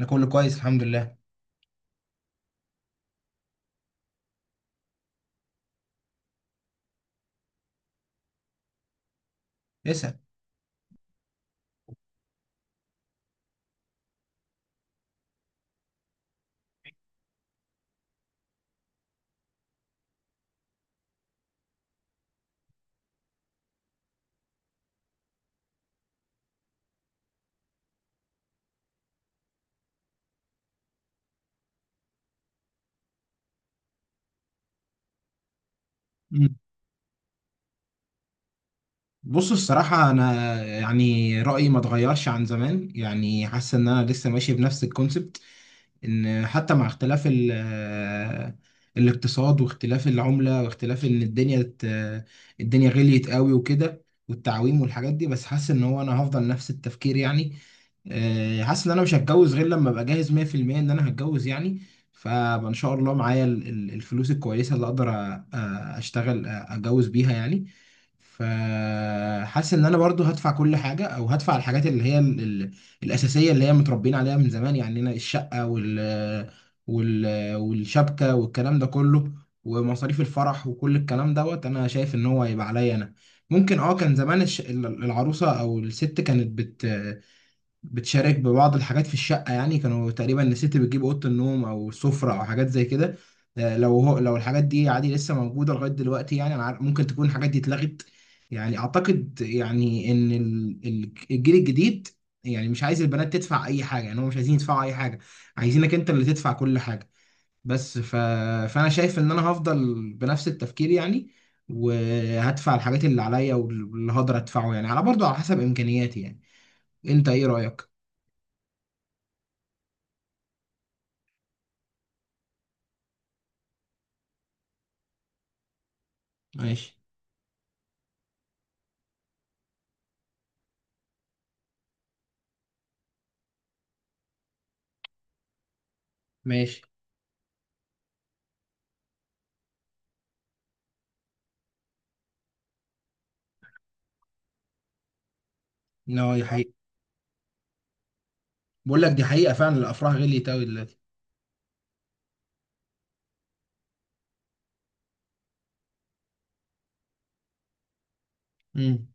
انا كله كويس الحمد لله. اسأل. مم. بص، الصراحة أنا يعني رأيي ما اتغيرش عن زمان، يعني حاسس إن أنا لسه ماشي بنفس الكونسبت. ان حتى مع اختلاف الاقتصاد واختلاف العملة واختلاف ان الدنيا الدنيا غليت قوي وكده، والتعويم والحاجات دي. بس حاسس ان هو انا هفضل نفس التفكير يعني. حاسس ان انا مش هتجوز غير لما ابقى جاهز 100% ان انا هتجوز يعني. فان شاء الله معايا الفلوس الكويسة اللي اقدر اشتغل اتجوز بيها يعني. فحاسس ان انا برضو هدفع كل حاجة او هدفع الحاجات اللي هي الاساسيه، اللي هي متربيين عليها من زمان يعني، هنا الشقه وال والشبكه والكلام ده كله، ومصاريف الفرح وكل الكلام دوت. انا شايف ان هو هيبقى عليا انا. ممكن اه، كان زمان العروسه او الست كانت بتشارك ببعض الحاجات في الشقة، يعني كانوا تقريبا الست بتجيب أوضة النوم أو سفرة أو حاجات زي كده. لو هو لو الحاجات دي عادي لسه موجودة لغاية دلوقتي، يعني أنا عارف ممكن تكون الحاجات دي اتلغت. يعني أعتقد يعني إن الجيل الجديد يعني مش عايز البنات تدفع أي حاجة، يعني هم مش عايزين يدفعوا أي حاجة، عايزينك أنت اللي تدفع كل حاجة. بس فأنا شايف إن أنا هفضل بنفس التفكير يعني، وهدفع الحاجات اللي عليا واللي هقدر أدفعه يعني، على برضه على حسب إمكانياتي يعني. أنت إيه رأيك؟ ماشي. ماشي. لا، دي حقيقة. بقول لك دي حقيقة، فعلا الأفراح غليت أوي دلوقتي. امم.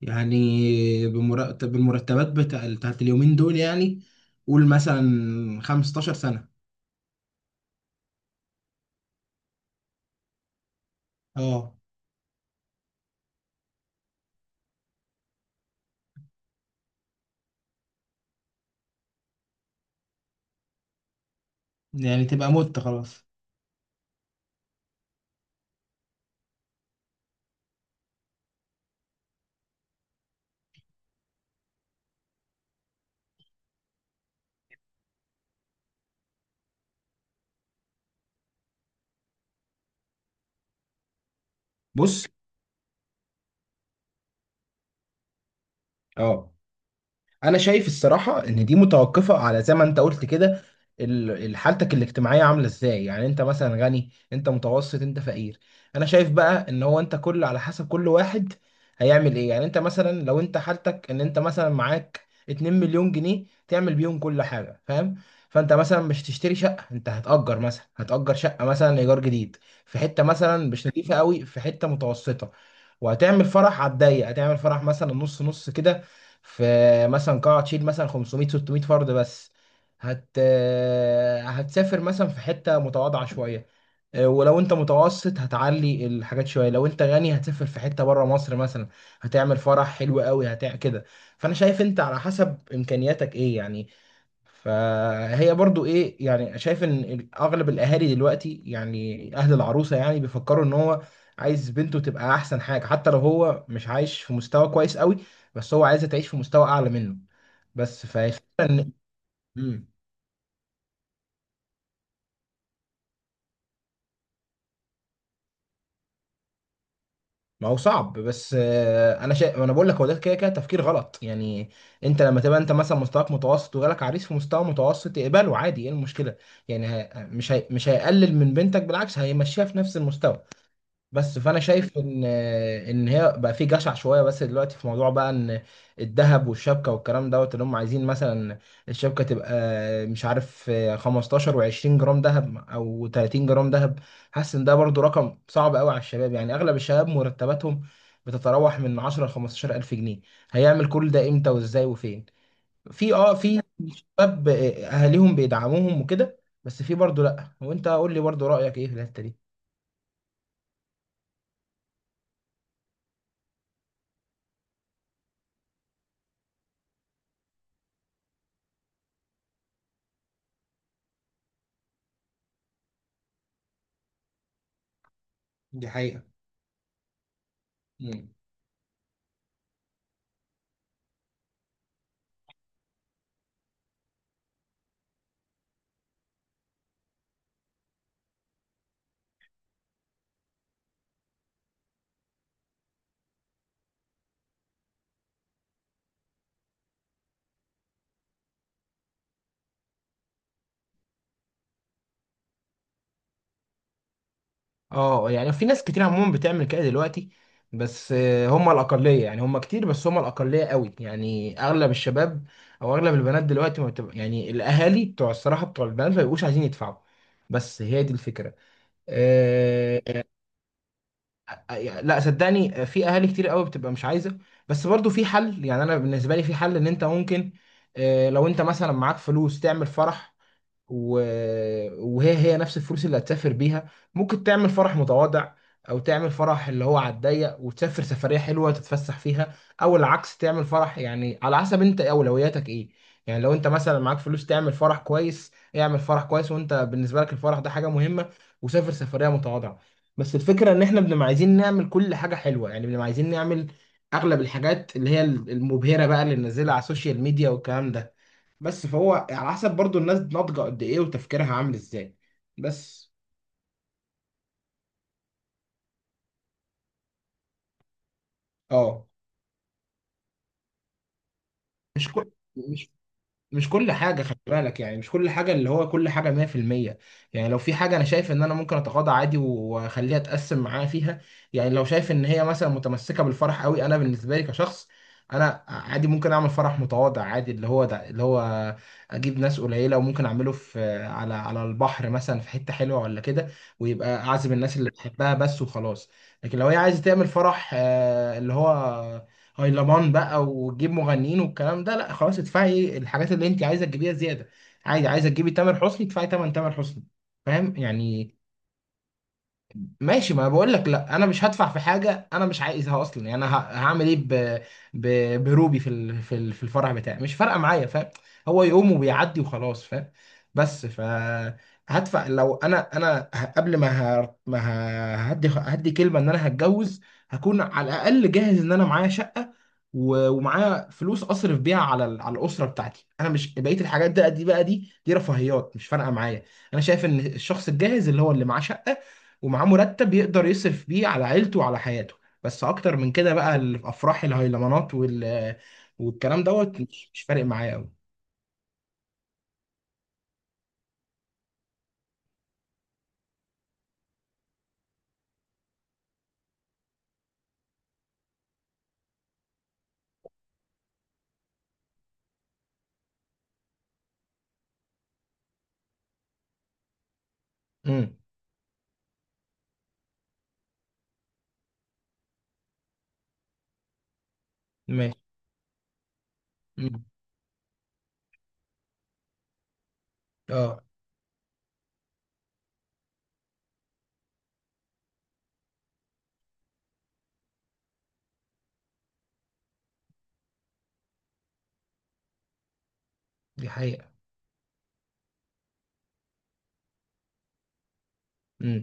يعني بمرتب، المرتبات بتاعت اليومين دول يعني، قول مثلا 15 سنة. اه، يعني تبقى مت خلاص. بص. اه، انا شايف الصراحه ان دي متوقفه على زي ما انت قلت كده. حالتك الاجتماعيه عامله ازاي، يعني انت مثلا غني، انت متوسط، انت فقير. انا شايف بقى ان هو انت كل على حسب كل واحد هيعمل ايه. يعني انت مثلا لو انت حالتك ان انت مثلا معاك 2 مليون جنيه تعمل بيهم كل حاجه، فاهم؟ فانت مثلا مش تشتري شقه، انت هتأجر مثلا، هتأجر شقه مثلا ايجار جديد في حته مثلا مش نظيفه قوي، في حته متوسطه. وهتعمل فرح على الضيق، هتعمل فرح مثلا نص نص كده، في مثلا قاعة تشيل مثلا 500 600 فرد بس، هت آه، هتسافر مثلا في حتة متواضعة شوية. ولو انت متوسط هتعلي الحاجات شويه، لو انت غني هتسافر في حته بره مصر مثلا، هتعمل فرح حلو قوي كده. فانا شايف انت على حسب امكانياتك ايه يعني. فهي برضو ايه، يعني شايف ان اغلب الاهالي دلوقتي يعني، اهل العروسه يعني، بيفكروا ان هو عايز بنته تبقى احسن حاجه، حتى لو هو مش عايش في مستوى كويس قوي، بس هو عايزها تعيش في مستوى اعلى منه. بس فالفكره ان، مم. ما هو صعب بس، انا بقول لك هو ده كده كده تفكير غلط يعني. انت لما تبقى انت مثلا مستواك متوسط وجالك عريس في مستوى متوسط، اقبله عادي، ايه المشكله؟ يعني ه... مش هي... مش هيقلل من بنتك، بالعكس هيمشيها في نفس المستوى. بس فانا شايف ان هي بقى في جشع شويه. بس دلوقتي في موضوع بقى ان الذهب والشبكه والكلام دوت اللي هم عايزين مثلا الشبكه تبقى، مش عارف، 15 و20 جرام ذهب او 30 جرام ذهب. حاسس ان ده برضو رقم صعب قوي على الشباب، يعني اغلب الشباب مرتباتهم بتتراوح من 10 ل 15 الف جنيه. هيعمل كل ده امتى وازاي وفين؟ في شباب اهاليهم بيدعموهم وكده، بس في برضو لا، وانت قول لي برضو رايك ايه في الحته دي. دي حقيقة. اه، يعني في ناس كتير عموما بتعمل كده دلوقتي، بس هم الأقلية، يعني هم كتير بس هم الأقلية قوي يعني. أغلب الشباب أو أغلب البنات دلوقتي ما بتبقى، يعني الأهالي بتوع الصراحة بتوع البنات ما بيبقوش عايزين يدفعوا. بس هي دي الفكرة. آه. لا، صدقني، في أهالي كتير قوي بتبقى مش عايزة. بس برضو في حل، يعني أنا بالنسبة لي في حل إن أنت ممكن، لو أنت مثلا معاك فلوس تعمل فرح و... وهي هي نفس الفلوس اللي هتسافر بيها. ممكن تعمل فرح متواضع، او تعمل فرح اللي هو على الضيق وتسافر سفرية حلوة تتفسح فيها، او العكس تعمل فرح. يعني على حسب انت اولوياتك ايه. يعني لو انت مثلا معاك فلوس تعمل فرح كويس، اعمل فرح كويس، وانت بالنسبة لك الفرح ده حاجة مهمة، وسافر سفرية متواضعة. بس الفكرة ان احنا بنبقى عايزين نعمل كل حاجة حلوة، يعني بنبقى عايزين نعمل اغلب الحاجات اللي هي المبهرة بقى، اللي ننزلها على السوشيال ميديا والكلام ده. بس فهو على حسب برضو الناس ناضجة قد ايه وتفكيرها عامل ازاي. بس. اه. مش كل مش مش كل حاجة، خلي بالك، يعني مش كل حاجة اللي هو كل حاجة 100%. يعني لو في حاجة أنا شايف إن أنا ممكن أتغاضى عادي وأخليها أتقسم معاها فيها. يعني لو شايف إن هي مثلا متمسكة بالفرح قوي، أنا بالنسبة لي كشخص، أنا عادي ممكن أعمل فرح متواضع عادي، اللي هو ده اللي هو أجيب ناس قليلة، وممكن أعمله في، على البحر مثلا، في حتة حلوة ولا كده، ويبقى أعزم الناس اللي بحبها بس وخلاص. لكن لو هي عايزة تعمل فرح، اللي هو هايلمان بقى وتجيب مغنيين والكلام ده، لا خلاص، ادفعي الحاجات اللي انت عايزه تجيبيها زياده. عادي، عايزه تجيبي تامر حسني، ادفعي تمن تامر حسني، فاهم يعني. ماشي. ما بقول لك لا، انا مش هدفع في حاجه انا مش عايزها اصلا. يعني انا هعمل ايه ب... بروبي في الفرح بتاعي، مش فارقه معايا، فاهم؟ هو يقوم وبيعدي وخلاص، فاهم. بس هدفع. لو انا قبل ما هدي كلمه ان انا هتجوز، هكون على الاقل جاهز ان انا معايا شقه ومعايا فلوس اصرف بيها على الاسره بتاعتي انا، مش بقيه الحاجات ده، دي بقى دي رفاهيات مش فارقه معايا. انا شايف ان الشخص الجاهز، اللي هو اللي معاه شقه ومعاه مرتب يقدر يصرف بيه على عيلته وعلى حياته. بس اكتر من كده بقى الافراح، الهيلمانات والكلام دوت، مش فارق معايا قوي. امم. ماشي. امم. اه، دي حقيقة. امم.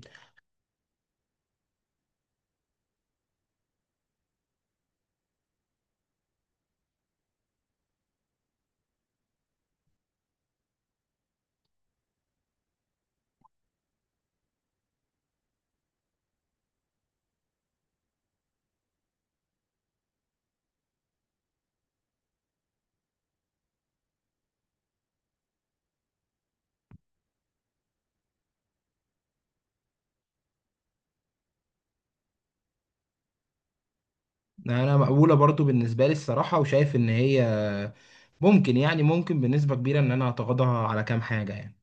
انا مقبولة برضو بالنسبة لي الصراحة، وشايف ان هي ممكن، يعني ممكن بنسبة كبيرة، ان انا اتغاضى على كام حاجة يعني.